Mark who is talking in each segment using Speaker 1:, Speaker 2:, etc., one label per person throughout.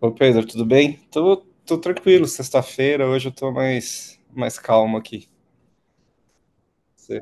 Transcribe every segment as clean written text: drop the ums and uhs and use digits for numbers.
Speaker 1: Ô Pedro, tudo bem? Tô, tô tranquilo, sexta-feira, hoje eu tô mais calmo aqui. Você-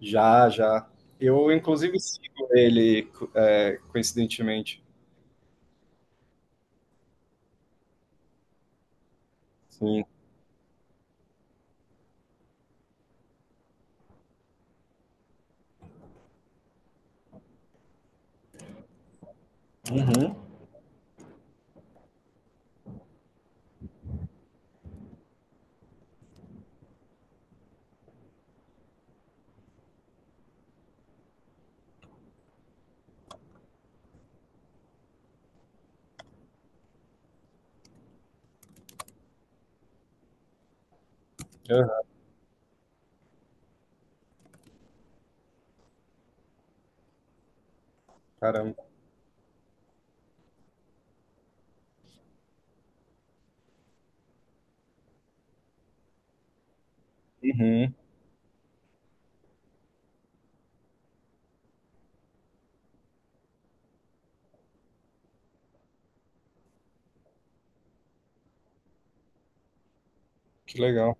Speaker 1: Já, já. Eu, inclusive, sigo ele, coincidentemente. Sim. Uhum. Aham. Caramba. Uhum. Que legal.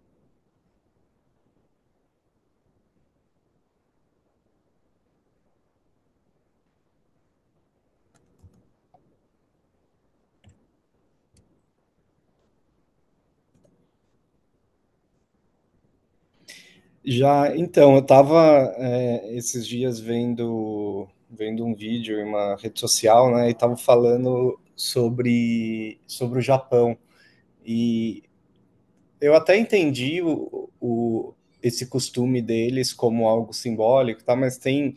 Speaker 1: Já, então, eu tava esses dias vendo um vídeo em uma rede social, né, e tava falando sobre o Japão. E eu até entendi esse costume deles como algo simbólico, tá? Mas tem,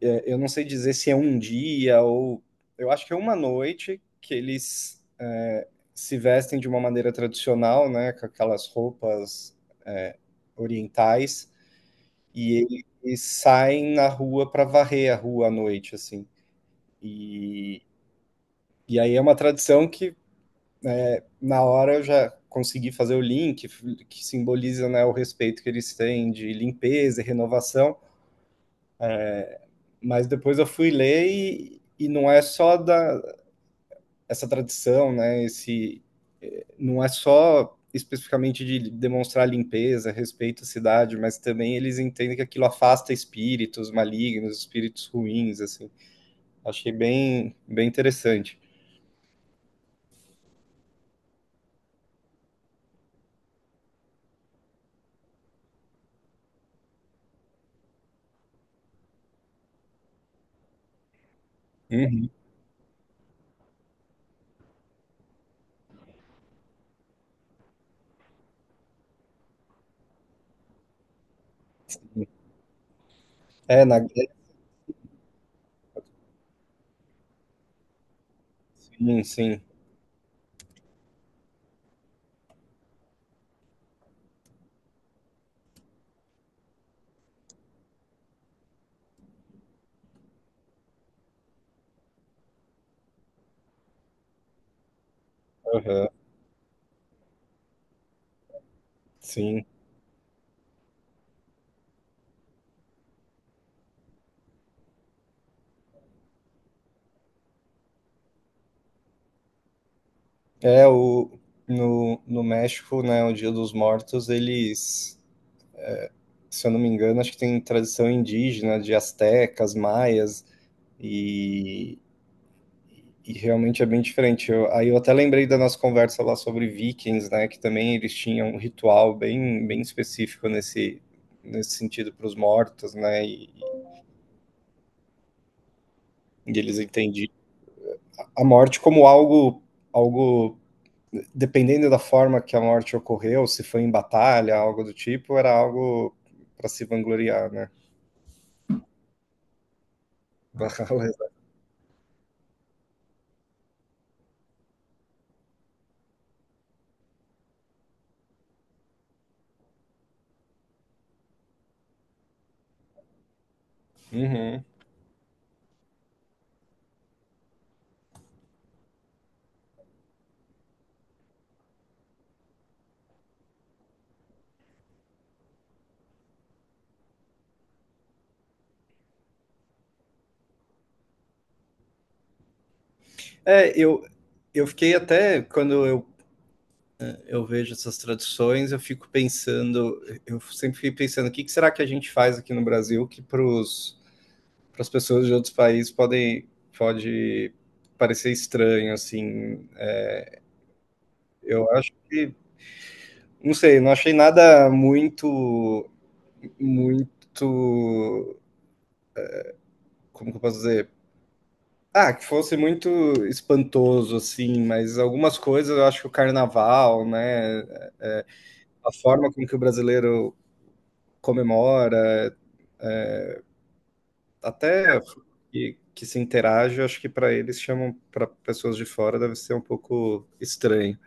Speaker 1: eu não sei dizer se é um dia ou eu acho que é uma noite que eles se vestem de uma maneira tradicional, né? Com aquelas roupas é, orientais e eles saem na rua para varrer a rua à noite, assim. E, e aí é uma tradição que na hora eu já consegui fazer o link que simboliza, né, o respeito que eles têm de limpeza e renovação, mas depois eu fui ler e não é só da essa tradição, né? Esse não é só especificamente de demonstrar limpeza, respeito à cidade, mas também eles entendem que aquilo afasta espíritos malignos, espíritos ruins, assim. Achei bem, bem interessante. Uhum. É, na sim, sim. Uhum. Sim. É, o, no, no México, né, o Dia dos Mortos, eles, se eu não me engano, acho que tem tradição indígena de astecas, maias, e, e realmente é bem diferente. Eu- aí eu até lembrei da nossa conversa lá sobre vikings, né, que também eles tinham um ritual bem, bem específico nesse sentido para os mortos, né, e eles entendiam a morte como algo dependendo da forma que a morte ocorreu, se foi em batalha, algo do tipo, era algo para se vangloriar, né? Uhum. É, eu, eu fiquei até, quando eu vejo essas traduções, eu fico pensando, eu sempre fiquei pensando, o que, que será que a gente faz aqui no Brasil que para as pessoas de outros países podem, pode parecer estranho, assim. Eu acho que, não sei, não achei nada muito como que eu posso dizer? Ah, que fosse muito espantoso, assim, mas algumas coisas eu acho que o carnaval, né? É, a forma como que o brasileiro comemora, até que se interage, eu acho que para eles chamam para pessoas de fora deve ser um pouco estranho.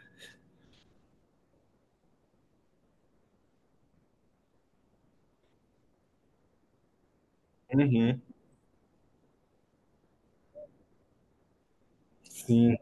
Speaker 1: Uhum. Sim,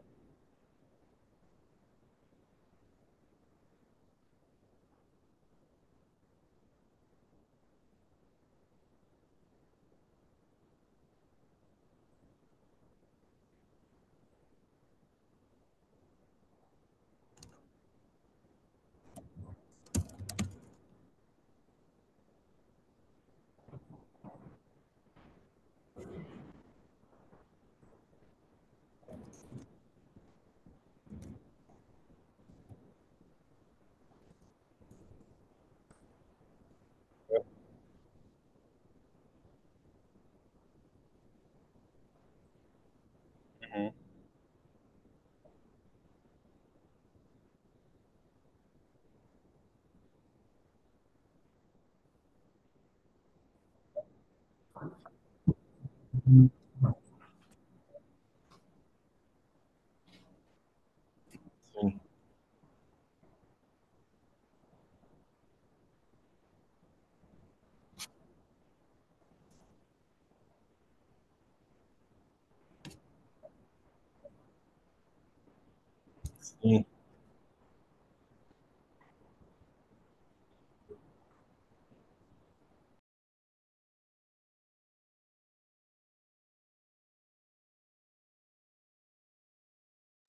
Speaker 1: sim,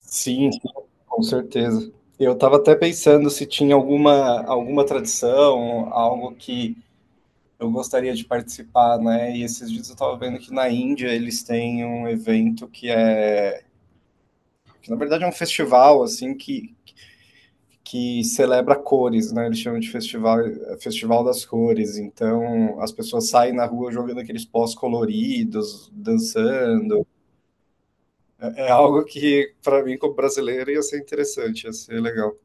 Speaker 1: sim, sim, com certeza. Eu estava até pensando se tinha alguma, alguma tradição, algo que eu gostaria de participar, né? E esses dias eu estava vendo que na Índia eles têm um evento que na verdade é um festival assim que celebra cores, né? Eles chamam de festival, festival das cores. Então as pessoas saem na rua jogando aqueles pós coloridos, dançando. É, é algo que para mim como brasileiro ia ser interessante, ia ser legal.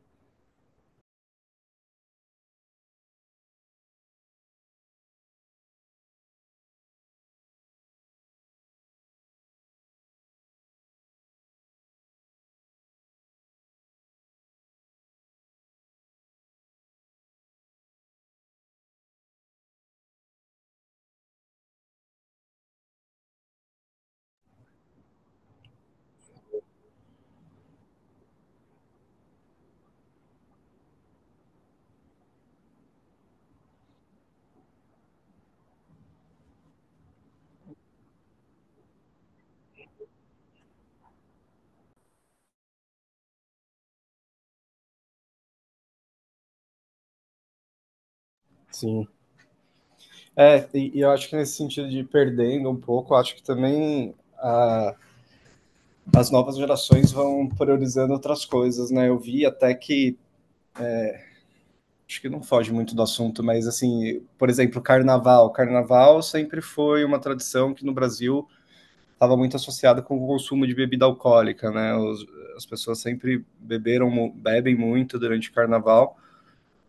Speaker 1: Sim. E eu acho que nesse sentido de perdendo um pouco, eu acho que também a as novas gerações vão priorizando outras coisas, né? Eu vi até que acho que não foge muito do assunto, mas assim, por exemplo, carnaval. Carnaval sempre foi uma tradição que no Brasil estava muito associada com o consumo de bebida alcoólica, né? As pessoas sempre beberam, bebem muito durante o carnaval,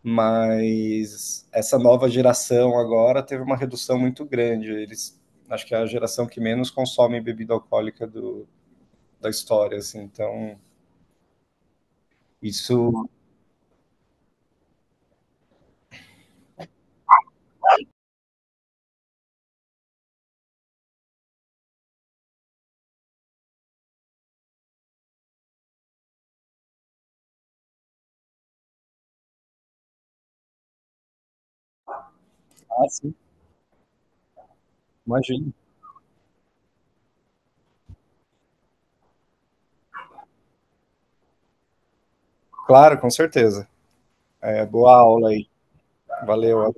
Speaker 1: mas essa nova geração agora teve uma redução muito grande. Eles acho que é a geração que menos consome bebida alcoólica do, da história, assim. Então, isso. Imagino. Claro, com certeza. É, boa aula aí. Valeu.